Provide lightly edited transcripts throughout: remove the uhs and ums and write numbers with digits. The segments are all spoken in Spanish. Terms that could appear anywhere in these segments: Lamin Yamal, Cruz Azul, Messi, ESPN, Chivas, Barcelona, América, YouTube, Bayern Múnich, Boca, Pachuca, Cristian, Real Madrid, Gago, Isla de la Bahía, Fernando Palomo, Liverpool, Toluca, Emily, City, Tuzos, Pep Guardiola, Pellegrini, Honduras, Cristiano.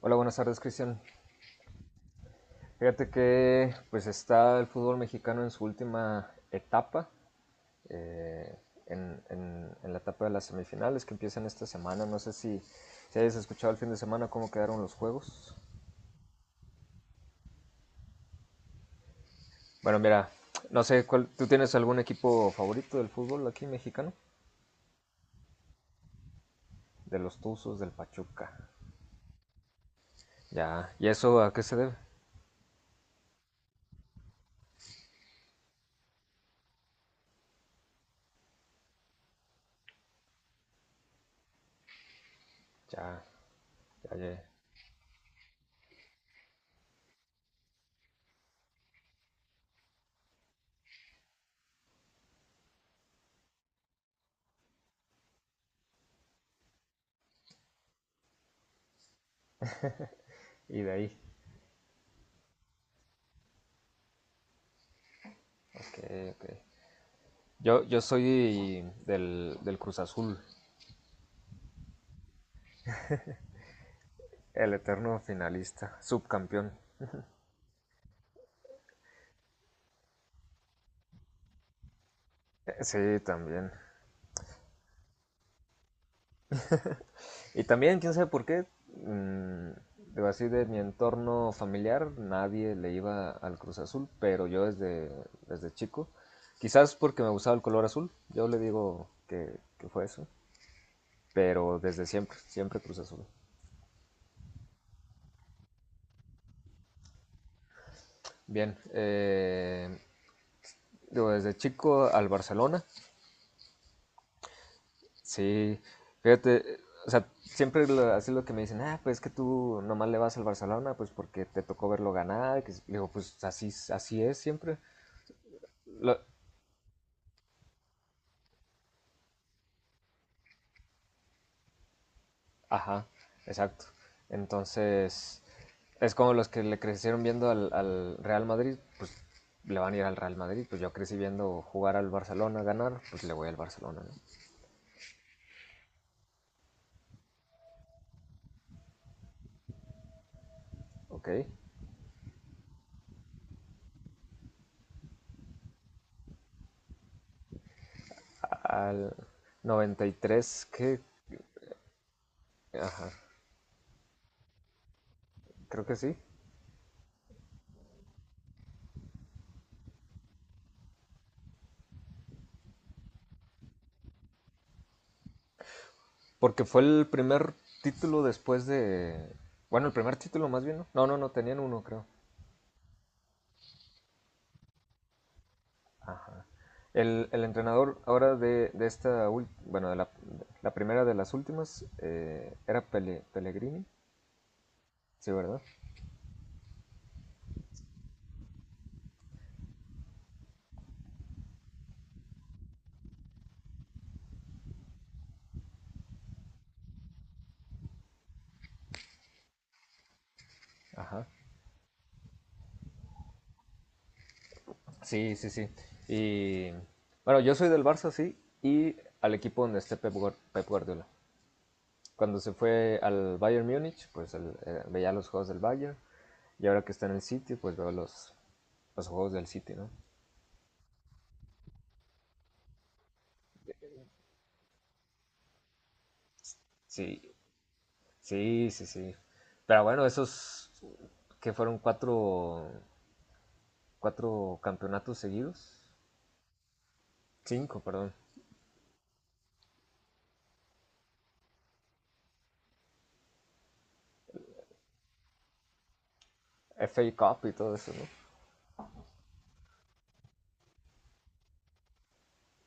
Hola, buenas tardes, Cristian. Fíjate que pues está el fútbol mexicano en su última etapa, eh, en la etapa de las semifinales que empiezan esta semana. No sé si hayas escuchado el fin de semana cómo quedaron los juegos. Bueno, mira, no sé, cuál, ¿tú tienes algún equipo favorito del fútbol aquí mexicano? De los Tuzos, del Pachuca. Ya, ¿y eso a qué se debe? Ya, ya, ya. Y de ahí. Ok, ok. Yo soy del Cruz Azul. El eterno finalista, subcampeón. Sí, también. Y también, quién sabe por qué, digo así de mi entorno familiar, nadie le iba al Cruz Azul, pero yo desde chico, quizás porque me gustaba el color azul, yo le digo que fue eso, pero desde siempre, siempre Cruz Azul. Bien, digo, desde chico al Barcelona. Sí, fíjate, o sea, siempre así lo que me dicen, ah, pues es que tú nomás le vas al Barcelona, pues porque te tocó verlo ganar, que digo, pues así, así es siempre. Lo- ajá, exacto. Entonces, es como los que le crecieron viendo al Real Madrid, pues le van a ir al Real Madrid, pues yo crecí viendo jugar al Barcelona, ganar, pues le voy al Barcelona, ¿no? Ok. Al 93, que, ajá, creo que sí. Porque fue el primer título después de... Bueno, el primer título más bien, ¿no? No, no, no, tenían uno, creo. Ajá. El entrenador ahora de esta... Bueno, de la primera de las últimas era Pellegrini, sí, ¿verdad? Ajá. Sí, sí, sí. Y bueno, yo soy del Barça, sí, y al equipo donde esté Pep Guardiola. Cuando se fue al Bayern Múnich, pues veía los juegos del Bayern. Y ahora que está en el City, pues veo los juegos del City, ¿no? Sí, sí, sí, sí. Pero bueno, esos que fueron cuatro campeonatos seguidos, cinco, perdón, FA Cup y todo eso, ¿no?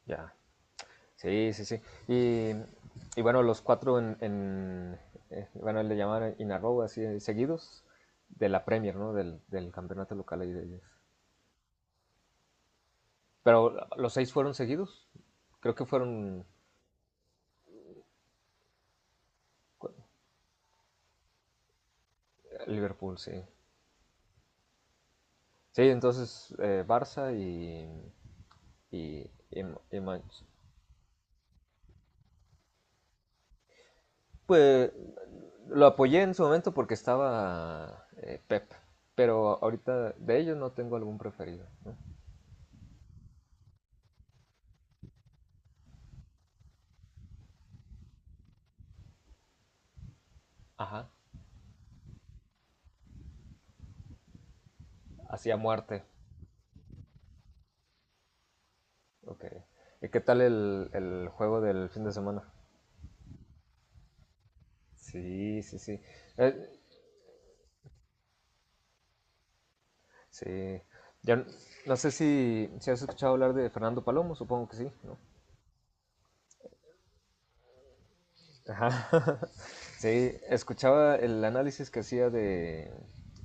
Ya, sí, sí, sí. Y, y bueno, los cuatro en bueno, le llaman in a row, así, seguidos, de la Premier, ¿no? Del campeonato local ahí de ellos. Pero los seis fueron seguidos, creo que fueron cu- Liverpool, sí. Sí, entonces Barça y Y, y y Manch- Pues lo apoyé en su momento porque estaba Pep, pero ahorita de ellos no tengo algún preferido, ¿no? Ajá, hacia muerte. Ok. ¿Y qué tal el juego del fin de semana? Sí, sí, sí. Eh, sí. Ya n- no sé si has escuchado hablar de Fernando Palomo, supongo que sí, ¿no? Ajá. Sí, escuchaba el análisis que hacía de,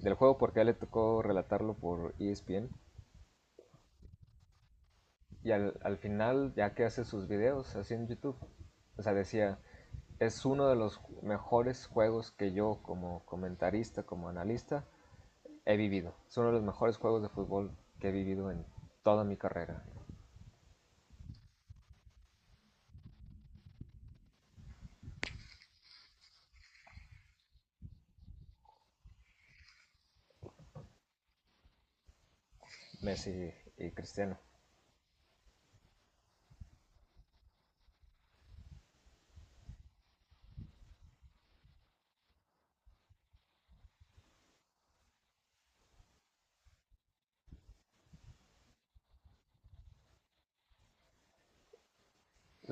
del juego porque a él le tocó relatarlo por ESPN y al final, ya que hace sus videos así en YouTube, o sea, decía, es uno de los mejores juegos que yo como comentarista, como analista, he vivido. Es uno de los mejores juegos de fútbol que he vivido en toda mi carrera. Messi y Cristiano.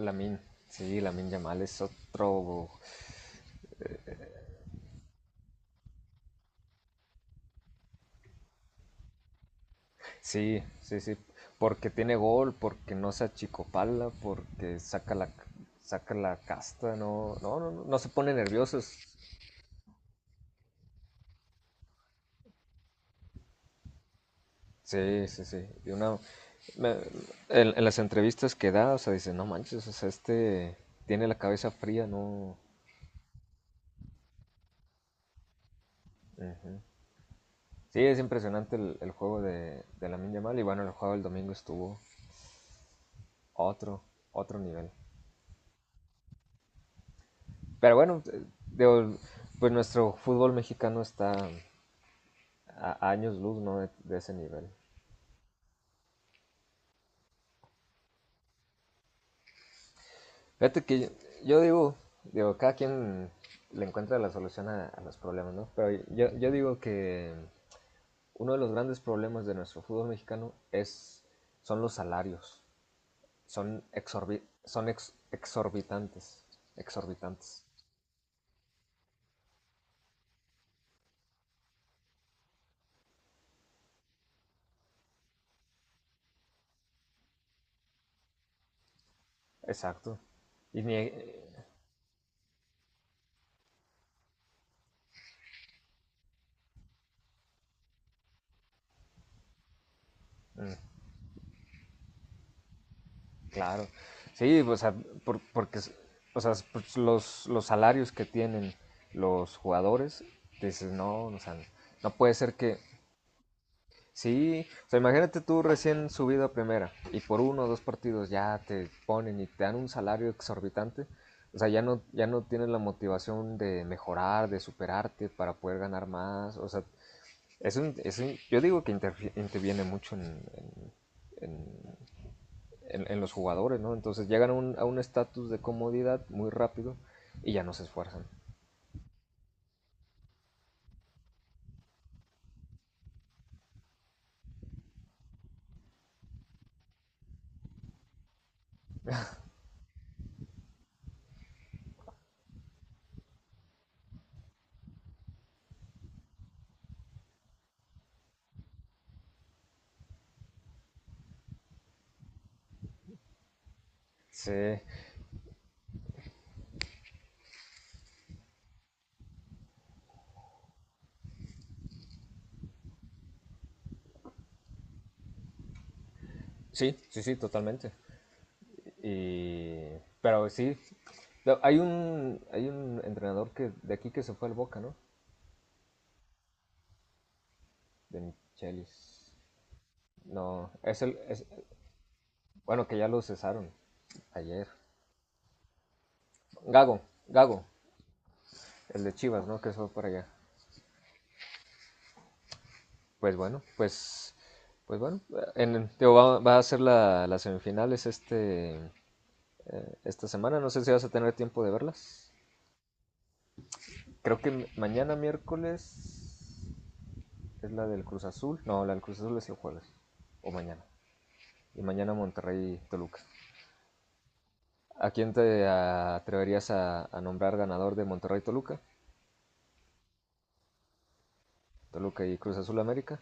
Lamin, sí, Lamin Yamal es otro. Sí, sí, sí. Porque tiene gol, porque no se achicopala, porque saca la casta, no, no, no, no, no se pone nervioso. Sí, sí, sí. Y me- en las entrevistas que da, o sea, dice, no manches, o sea, este tiene la cabeza fría, no. Ujú. Sí, es impresionante el juego de Lamine Yamal y bueno, el juego del domingo estuvo a otro nivel. Pero bueno, digo, pues nuestro fútbol mexicano está a años luz, ¿no? De ese nivel. Fíjate que yo digo, cada quien le encuentra la solución a los problemas, ¿no? Pero yo digo que uno de los grandes problemas de nuestro fútbol mexicano es, son los salarios. Son exorbitantes. Exorbitantes. Exacto. Y mm, claro. Sí, o sea, porque o sea, pues, los salarios que tienen los jugadores, dices, no, o sea, no puede ser que, sí, o sea, imagínate tú recién subido a primera y por uno o dos partidos ya te ponen y te dan un salario exorbitante. O sea, ya no, tienes la motivación de mejorar, de superarte para poder ganar más. O sea, es un, yo digo que interviene mucho en- en los jugadores, ¿no? Entonces llegan a un estatus de comodidad muy rápido y ya no se esfuerzan. Sí, sí, sí, sí, totalmente. Pero sí, no, hay un entrenador que de aquí que se fue al Boca, ¿no? De Michelis. No, es bueno, que ya lo cesaron ayer. Gago, Gago, el de Chivas, ¿no? Que se fue para allá. Pues bueno, pues, pues bueno, digo, va a ser las semifinales este, esta semana. No sé si vas a tener tiempo de verlas. Creo que mañana miércoles es la del Cruz Azul. No, la del Cruz Azul es el jueves. O mañana. Y mañana Monterrey-Toluca. ¿A quién te atreverías a nombrar ganador de Monterrey-Toluca? Toluca y Cruz Azul América.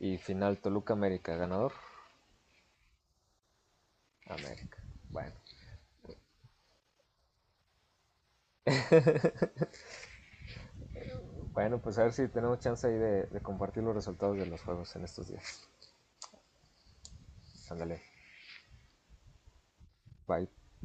Y final Toluca-América, ganador. América. Bueno, bueno, pues a ver si tenemos chance ahí de compartir los resultados de los juegos en estos días. Ándale, bye.